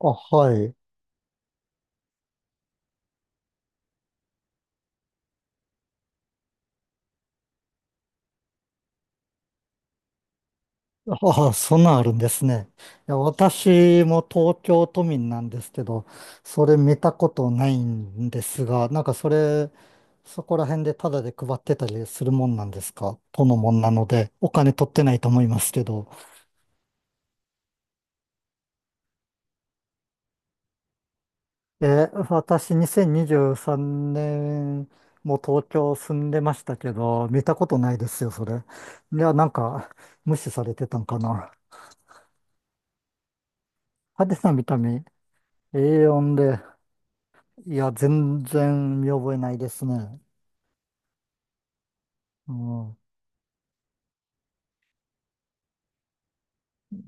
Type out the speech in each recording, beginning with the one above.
あ、はい。ああ、そんなんあるんですね。いや、私も東京都民なんですけど、それ見たことないんですが、なんかそれ、そこら辺でタダで配ってたりするもんなんですか？都のもんなので、お金取ってないと思いますけど。え私2023年も東京住んでましたけど、見たことないですよ、それ。いや、なんか無視されてたんかな。派手な見た目、A4 で。いや、全然見覚えないですね。うん。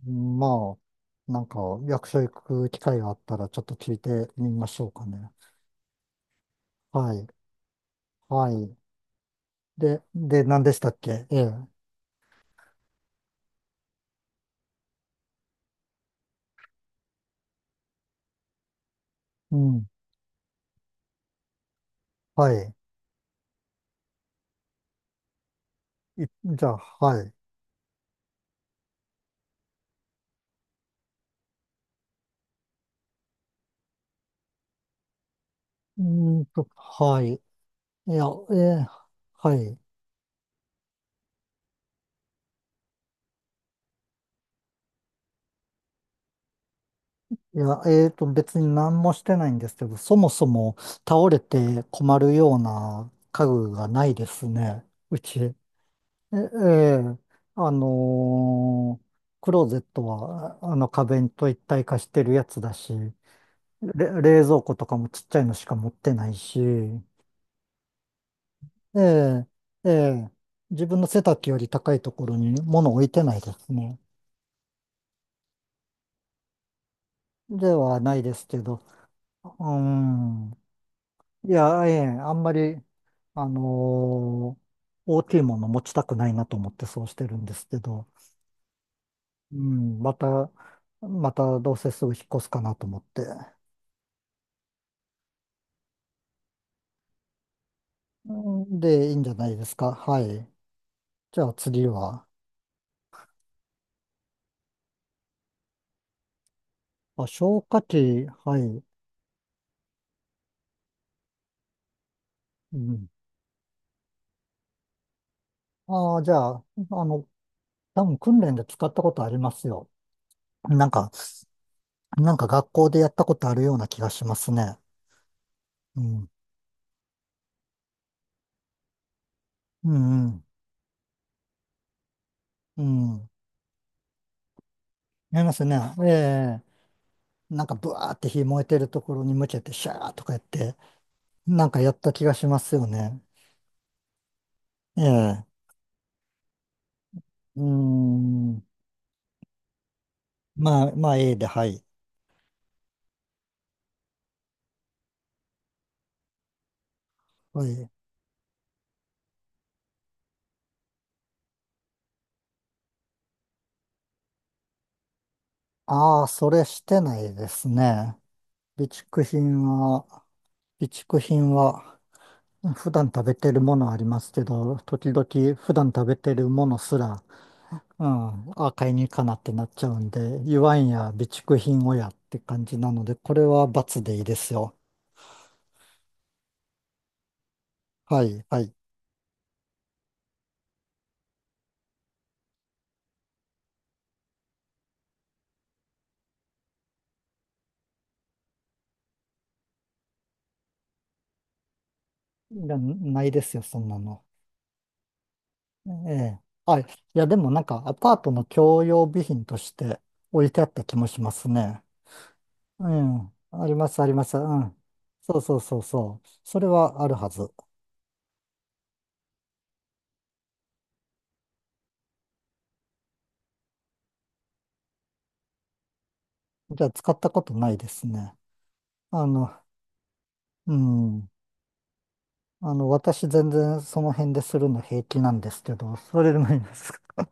まなんか、役所行く機会があったら、ちょっと聞いてみましょうかね。はい。はい。で、何でしたっけ。うん。はい。じゃあ、はい。はい。いや、えーはい。いや、別に何もしてないんですけど、そもそも倒れて困るような家具がないですね。うち。え、ええ、あのークローゼットは、あの壁と一体化してるやつだし、冷蔵庫とかもちっちゃいのしか持ってないし、ええ、ええ、自分の背丈より高いところに物置いてないですね。ではないですけど、うん、いや、ええ、あんまり、あのー大きいもの持ちたくないなと思ってそうしてるんですけど、うん、またどうせすぐ引っ越すかなと思って。うんで、いいんじゃないですか。はい。じゃあ次は、あ、消火器、はい。うん。ああ、じゃあ、あの、多分訓練で使ったことありますよ。なんか、なんか学校でやったことあるような気がしますね。うん。うん、うん。うん。やりますね。ええ。なんかブワーって火燃えてるところに向けてシャーとかやって、なんかやった気がしますよね。ええ。うん。まあ、A で、はい。はい。ああ、それしてないですね。備蓄品は、備蓄品は、普段食べてるものありますけど、時々普段食べてるものすら、うん、あ、買いに行かなってなっちゃうんで、言わんや備蓄品をやって感じなので、これは罰でいいですよ。はい、はい。いやないですよ、そんなの。ええ。あ、や、でもなんかアパートの共用備品として置いてあった気もしますね。うん。あります、あります。うん。そうそうそうそう。それはあるはず。じゃあ使ったことないですね。あの、うん。あの、私全然その辺でするの平気なんですけど、それでもいいですか？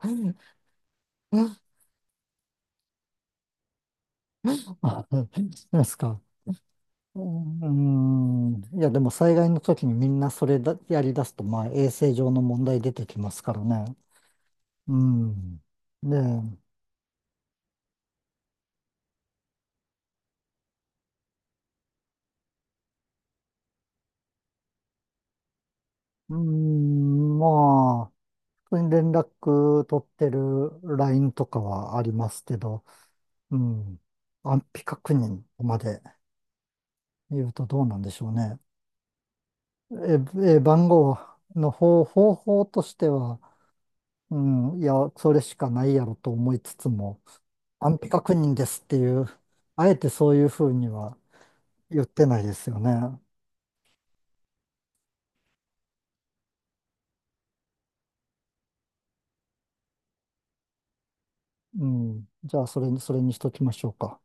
あ、いいですか。うん。うん、いや、でも災害の時にみんなそれだ、やり出すと、まあ衛生上の問題出てきますからね。うん。で、うん、まあ、普通に連絡取ってる LINE とかはありますけど、うん。安否確認まで。言うとどうなんでしょうね。番号方法としては、うん、いや、それしかないやろと思いつつも、安否確認ですっていう、あえてそういうふうには言ってないですよね。うん。じゃあ、それにしときましょうか。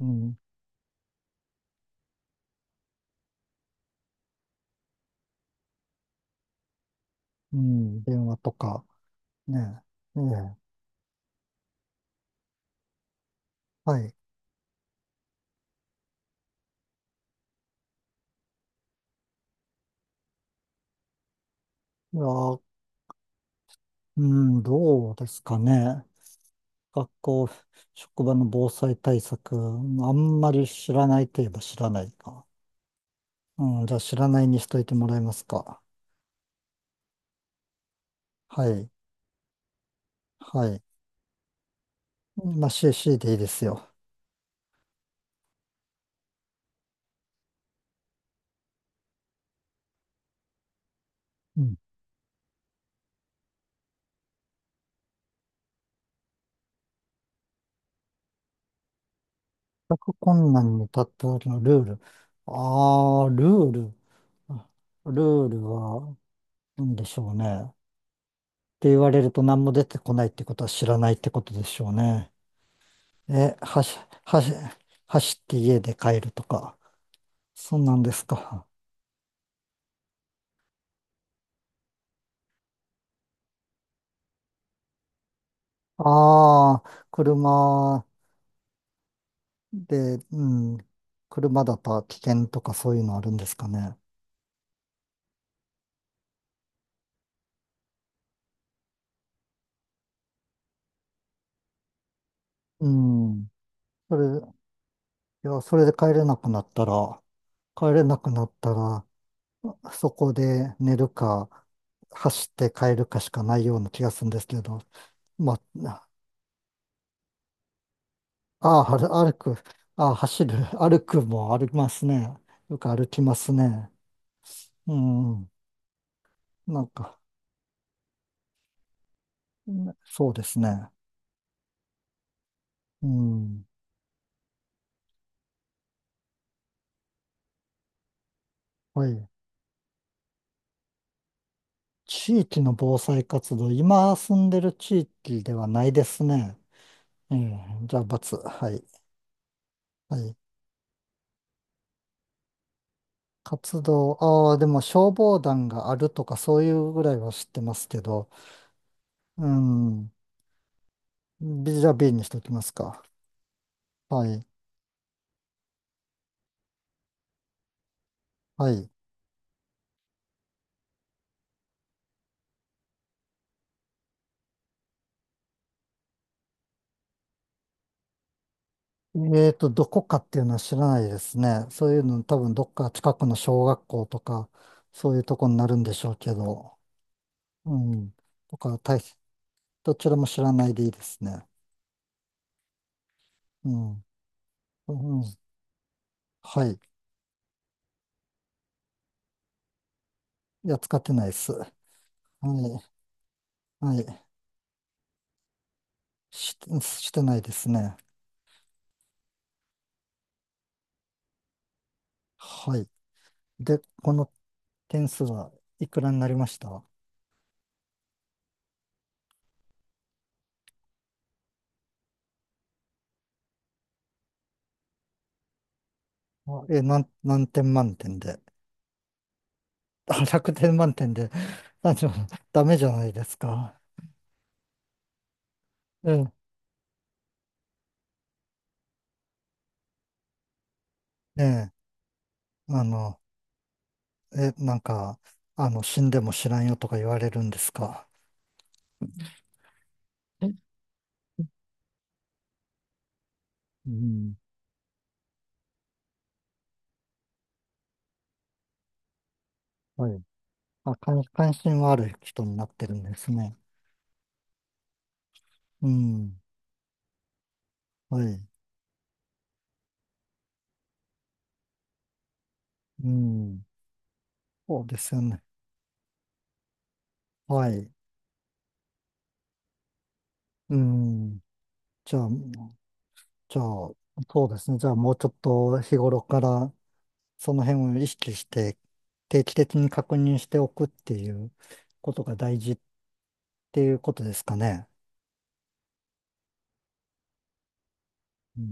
うん。うん。電話とか、ねえ。ねえ。はい。いや、うん、どうですかね。学校、職場の防災対策、あんまり知らないといえば知らないか。うん、じゃあ知らないにしといてもらえますか。はい。はい。まあ、CC でいいですよ。うん。全困難に立った時のルール。ああ、ルール。あルールは、なんでしょうね。って言われると何も出てこないってことは知らないってことでしょうね。え、はし、はし、走って家で帰るとか。そんなんですか。ああ、車で、うん。車だと危険とかそういうのあるんですかね。うん。いや、それで帰れなくなったら、帰れなくなったら、そこで寝るか、走って帰るかしかないような気がするんですけど、まあ、歩く、ああ、歩くも歩きますね。よく歩きますね。うん、なんか、ね、そうですね。うん、はい。地域の防災活動、今住んでる地域ではないですね。ええ、じゃあ、×。はい。はい。活動、ああ、でも消防団があるとかそういうぐらいは知ってますけど、うん。じゃあ B にしときますか。はい。はい。えーと、どこかっていうのは知らないですね。そういうの多分どっか近くの小学校とか、そういうとこになるんでしょうけど、うん。とか、大しどちらも知らないでいいですね。うん。うん。はい。いや、使ってないです。はい。はい。してないですね。はい。で、この点数はいくらになりました？あえ、なん、何点満点で。あ、100点満点で。あの、ダメじゃないですか。うん。ねえ、え、なんか、死んでも知らんよとか言われるんですか。うん。はい。あ、関心はある人になってるんですね。うん。はい。うん。そうですよね。はい。うん。じゃあ、じゃあ、そうですね。じゃあ、もうちょっと日頃からその辺を意識して定期的に確認しておくっていうことが大事っていうことですかね。